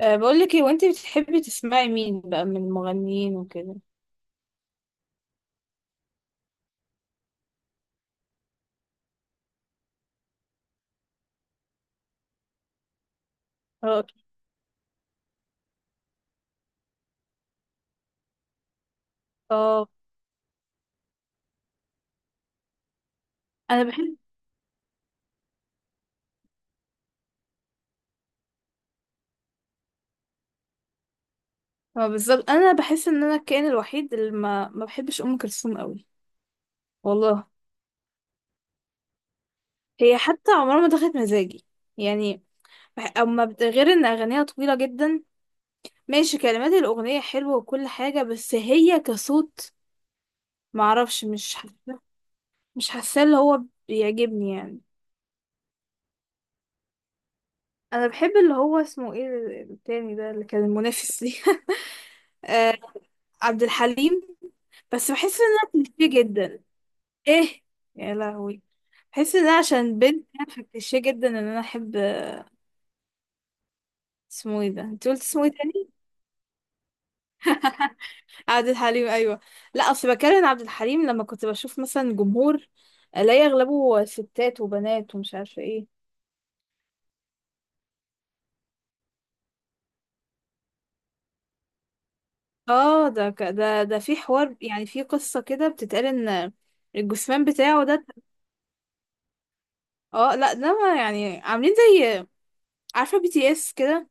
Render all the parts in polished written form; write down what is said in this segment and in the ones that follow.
بقول لك ايه وانت بتحبي تسمعي مين بقى من المغنيين وكده؟ اه. اه. ما بالظبط، انا بحس ان انا الكائن الوحيد اللي ما بحبش ام كلثوم قوي. والله. هي حتى عمرها ما دخلت مزاجي. يعني. غير ان اغانيها طويله جدا. ماشي، كلمات الاغنيه حلوه وكل حاجه، بس هي كصوت، ما اعرفش، مش حاسه. مش حاسه اللي هو بيعجبني يعني. انا بحب، اللي هو اسمه ايه، التاني ده اللي كان المنافس ليه. آه، عبد الحليم. بس بحس انها كليشيه جدا. ايه. يا لهوي. بحس ان أنا عشان بنت انا، فكليشيه جدا ان انا احب. اسمه ايه ده؟ انت قلت اسمه ايه تاني؟ عبد الحليم، ايوه. لا اصل بكلم عبد الحليم، لما كنت بشوف مثلا جمهور الاقي اغلبه ستات وبنات ومش عارفه ايه. اه، ده ده في حوار، يعني في قصه كده بتتقال ان الجثمان بتاعه ده. اه لا، ده ما يعني، عاملين زي، عارفه بي تي اس كده.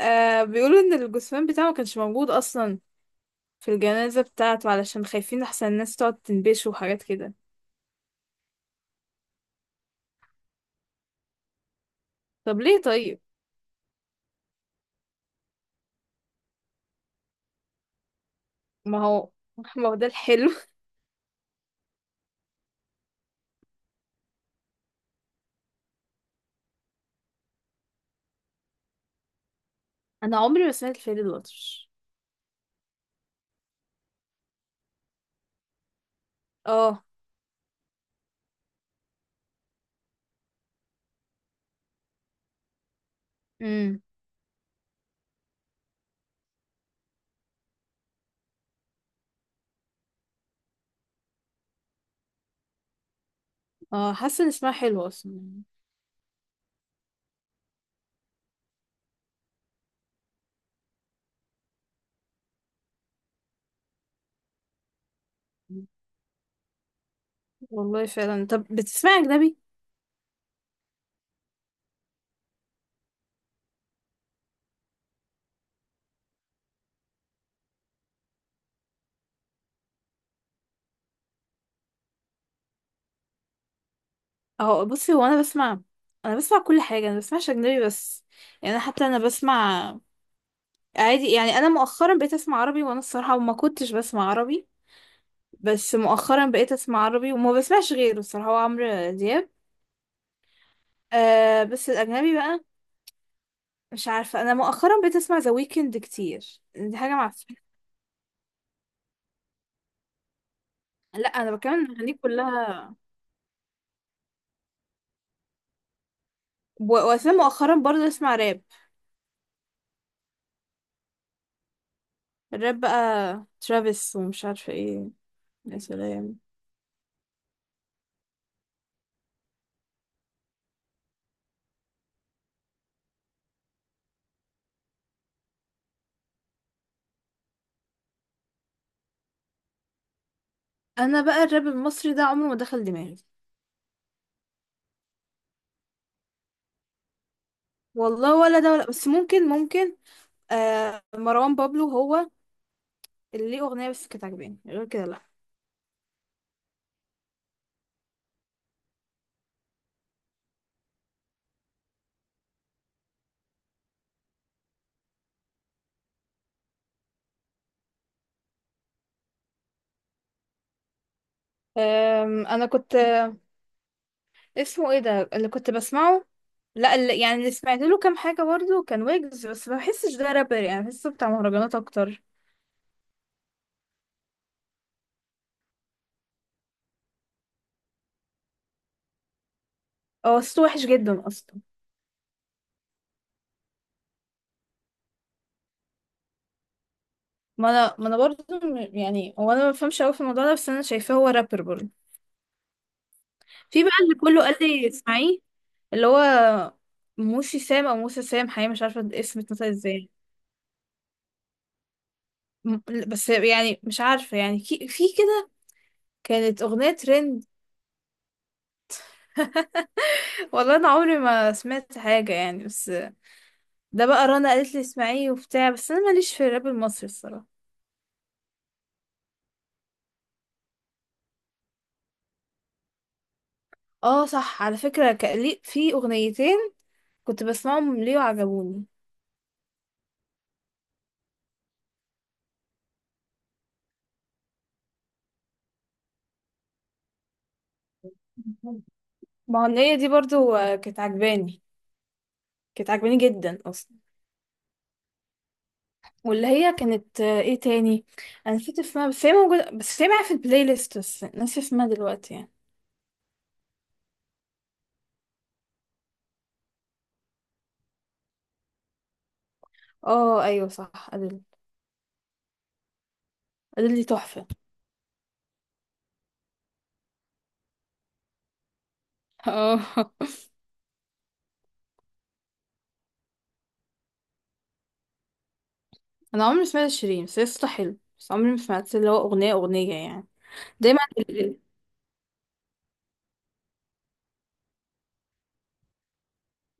آه، بيقولوا ان الجثمان بتاعه ما كانش موجود اصلا في الجنازة بتاعته، علشان خايفين أحسن الناس تقعد تنبشه وحاجات كده. طب ليه طيب؟ ما هو، ما هو ده الحلو. أنا عمري ما سمعت الفيل الأطرش. اه. امم. اه. حاسة إن اسمها حلو أصلا. والله فعلا. طب بتسمع أجنبي؟ اهو بصي، هو أنا بسمع، أنا بسمع كل حاجة، أنا بسمعش أجنبي بس، يعني أنا حتى أنا بسمع عادي. يعني أنا مؤخرا بقيت أسمع عربي، وأنا الصراحة ما كنتش بسمع عربي، بس مؤخرا بقيت أسمع عربي وما بسمعش غيره، الصراحة هو عمرو دياب. آه، بس الأجنبي بقى، مش عارفة، أنا مؤخرا بقيت أسمع ذا ويكند كتير، دي حاجة معفنة. لا، أنا بتكلم عن الأغاني كلها. و- وأساسا مؤخرا برضه أسمع راب. الراب بقى ترافيس ومش عارفة ايه. يا سلام. أنا بقى الراب المصري ده عمره ما دخل دماغي. والله ولا ده ولا، بس ممكن ممكن. آه، مروان بابلو هو اللي ليه أغنية بس كانت عجباني، غير كده لأ. أنا كنت، اسمه ايه ده اللي كنت بسمعه؟ لا، اللي سمعت له كام حاجة برضه كان ويجز، بس ما بحسش ده رابر، يعني بحسه بتاع مهرجانات أكتر. هو صوته وحش جدا اصلا. ما انا برضه يعني هو انا ما بفهمش قوي في الموضوع ده، بس انا شايفاه هو رابر برضه. في بقى اللي كله قال لي اسمعيه، اللي هو موسي سام او موسى سام، حقيقي مش عارفه الاسم اتنطق ازاي. م- بس يعني مش عارفه، يعني في كده كانت اغنيه ترند. والله انا عمري ما سمعت حاجه، يعني، بس ده بقى رنا قالت لي اسمعيه وبتاع، بس انا ماليش في الراب المصري الصراحه. اه صح، على فكره كان في اغنيتين كنت بسمعهم ليه وعجبوني. ما هو النية دي برضو، كانت عجباني، كانت عجباني جدا اصلا. واللي هي كانت، ايه تاني، انا نسيت اسمها، بس هي موجودة، بس هي معايا في البلاي ليست، بس ناسي اسمها دلوقتي يعني. اه ايوه صح، ادل. ادل دي تحفة. اه. انا عمري ما سمعت شيرين، بس هي صوتها حلو، بس عمري ما سمعت اللي هو اغنية يعني. دايما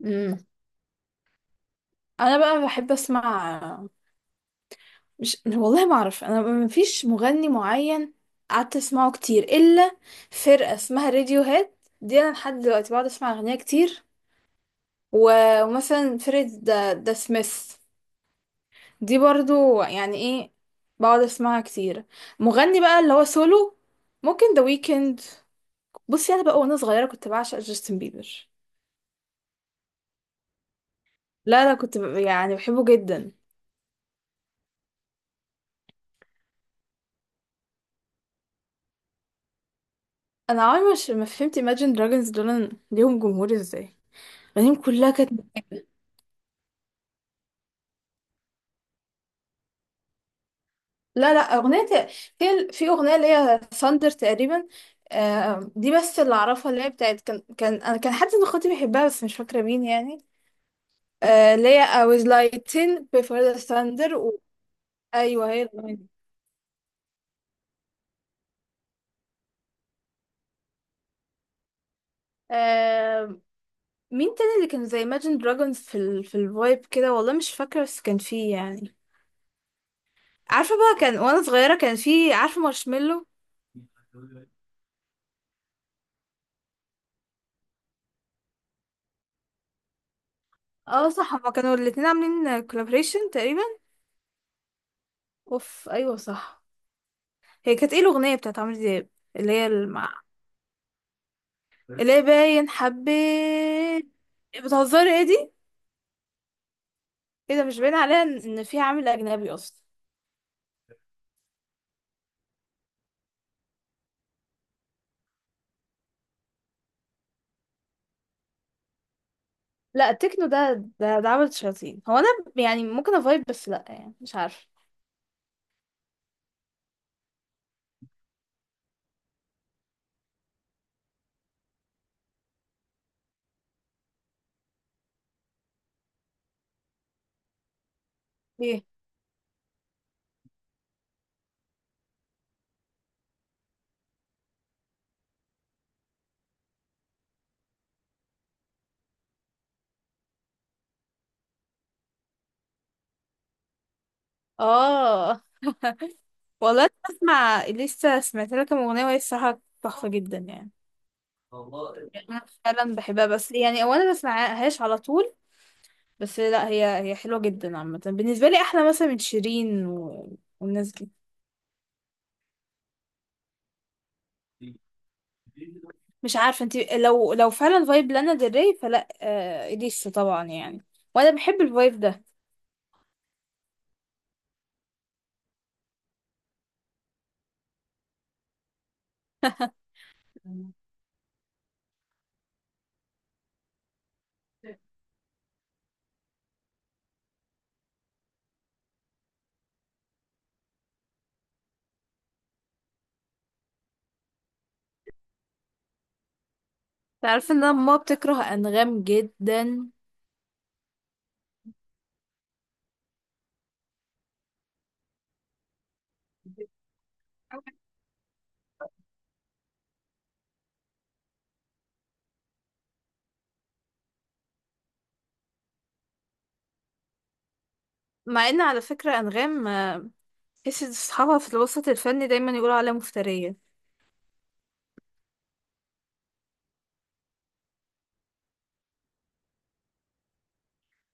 مم. انا بقى بحب اسمع، مش، والله ما اعرف، انا ما فيش مغني معين قعدت اسمعه كتير الا فرقه اسمها راديو هيد. دي انا لحد دلوقتي بقعد اسمع اغنيه كتير. و- ومثلا فرقه ذا سميث، دي برضو يعني ايه، بقعد اسمعها كتير. مغني بقى اللي هو سولو، ممكن ذا ويكند. بصي، انا بقى وانا صغيره كنت بعشق جاستن بيبر. لا، لا، كنت يعني بحبه جدا. انا عمري مش ما فهمت Imagine Dragons دول ليهم جمهور ازاي، اغانيهم كلها كانت. لا، لا، أغنية، في أغنية اللي هي ثاندر تقريبا. آه، دي بس اللي أعرفها، اللي هي بتاعت كان أنا كان حد من اخواتي بيحبها بس مش فاكرة مين يعني. آه، اللي هي I was lighting before the thunder أيوه، هي الأغنية دي. آه. مين تاني اللي كان زي Imagine Dragons في الفايب كده، والله مش فاكرة، بس كان فيه يعني. عارفة بقى، كان وأنا صغيرة كان فيه عارفة مارشميلو. اه صح، هما كانوا الاتنين عاملين كولابريشن تقريبا. اوف ايوه صح. هي كانت ايه الاغنيه بتاعت عمرو دياب، اللي هي اللي هي باين حبيت؟ بتهزري ايه دي؟ ايه ده؟ مش باين عليها إن فيها عامل اجنبي اصلا. لا، التكنو ده ده عمل شياطين. هو انا، يعني ممكن افايب، بس لا يعني مش عارفه ايه. اه والله، أنا بسمع، لسه سمعت لها كام اغنيه وهي الصراحه تحفه جدا يعني. يعني انا فعلا بحبها، بس يعني او انا ما بسمعهاش على طول. بس لا، هي هي حلوه جدا عامه، بالنسبه لي احلى مثلا من شيرين والناس دي. مش عارفه انت، لو فعلا فايب لانا ديل ري، فلا اليسا طبعا يعني. وانا بحب الفايب ده. تعرف ان انا ماما بتكره انغام جدا؟ مع ان على فكره انغام، تحس اصحابها في الوسط الفني دايما يقولوا عليها مفتريه.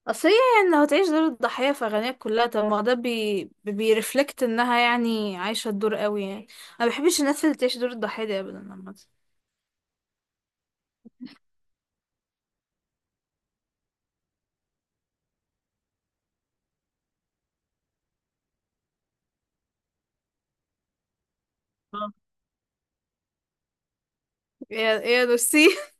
اصل هي، يعني لو هتعيش دور الضحيه في اغانيها كلها، طب ما ده بيرفلكت انها يعني عايشه الدور قوي يعني. انا ما بحبش الناس اللي تعيش دور الضحيه دي ابدا عامه. آه. يا، يا نسي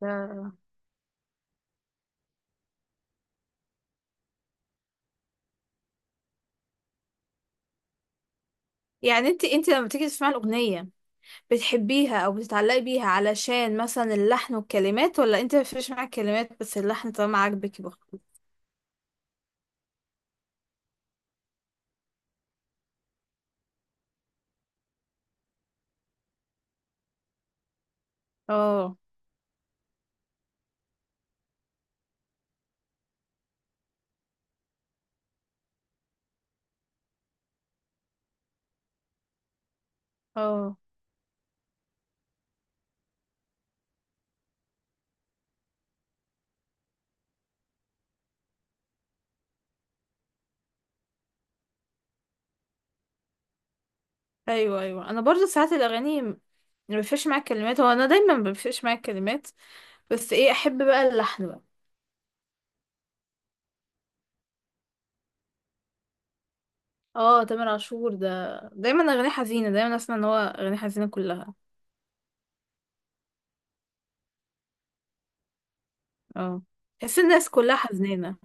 ده- يعني انت لما تيجي تسمعي الاغنيه، بتحبيها او بتتعلقي بيها علشان مثلا اللحن والكلمات، ولا انت مفيش معاك كلمات، بس اللحن طالما عاجبك يبقى خلاص؟ اه. اه ايوه، ايوه، انا برضو ساعات الاغاني مفيش معايا كلمات، هو انا دايما مفيش معايا كلمات، بس ايه احب بقى اللحن بقى. اه، تامر عاشور ده دايما اغاني حزينه، دايما اسمع ان هو اغاني حزينه كلها. اه، تحس الناس كلها حزينه.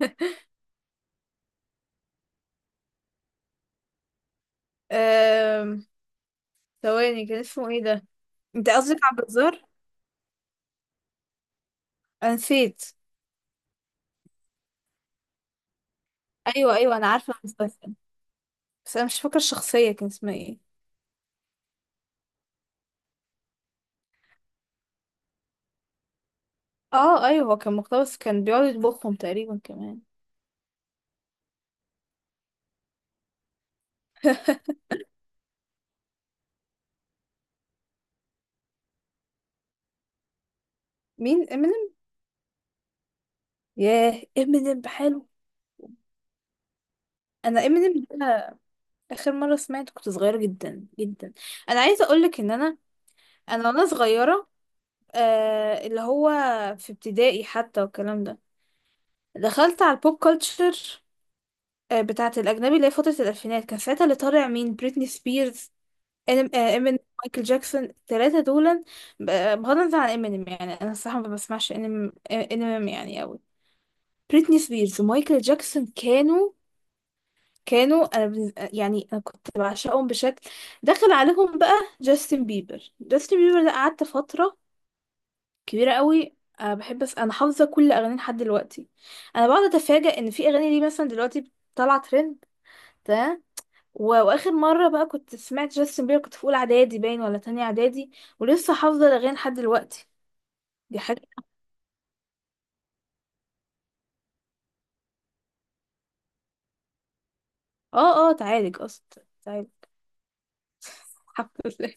أم، ثواني، كان اسمه ايه ده؟ انت قصدك عبد الزهر؟ انا نسيت. ايوه، ايوه، انا عارفه المسلسل، بس انا مش فاكره الشخصيه كان اسمها ايه. اه ايوه، هو كان مقتبس، كان بيقعد يطبخهم تقريبا كمان. مين، امينيم؟ ياه، امينيم بحاله. انا امينيم ده اخر مره سمعت كنت صغيره جدا جدا. انا عايزه اقولك ان انا، انا وانا صغيره، اللي هو في ابتدائي حتى والكلام ده، دخلت على البوب كلتشر، بتاعه الاجنبي، اللي هي فتره الالفينات، كان ساعتها اللي طالع مين بريتني سبيرز، امينيم، مايكل جاكسون، التلاتة دول. بغض النظر عن امينيم، يعني انا الصراحة ما بسمعش امينيم امينيم يعني قوي. بريتني سبيرز ومايكل جاكسون كانوا، انا يعني انا كنت بعشقهم بشكل، دخل عليهم بقى. جاستن بيبر ده، قعدت فترة كبيرة قوي بحب، بس انا حافظة كل اغانيه لحد دلوقتي. انا بقعد اتفاجأ ان في اغاني ليه مثلا دلوقتي طالعة ترند. و- واخر مره بقى كنت سمعت جاستن بيبر، كنت في اولى اعدادي باين ولا تانية اعدادي، ولسه حافظه الاغاني لحد دلوقتي. دي حاجه. اه، اه، تعالج اصلا، تعالج. الحمد لله.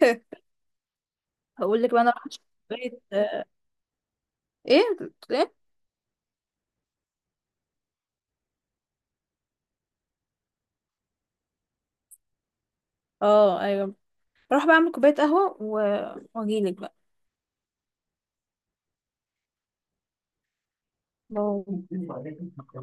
هقول لك بقى، انا راح كوبايه. ايه؟ بتقول ايه؟ اه ايوه، راح بعمل كوبايه قهوه و- واجيلك بقى.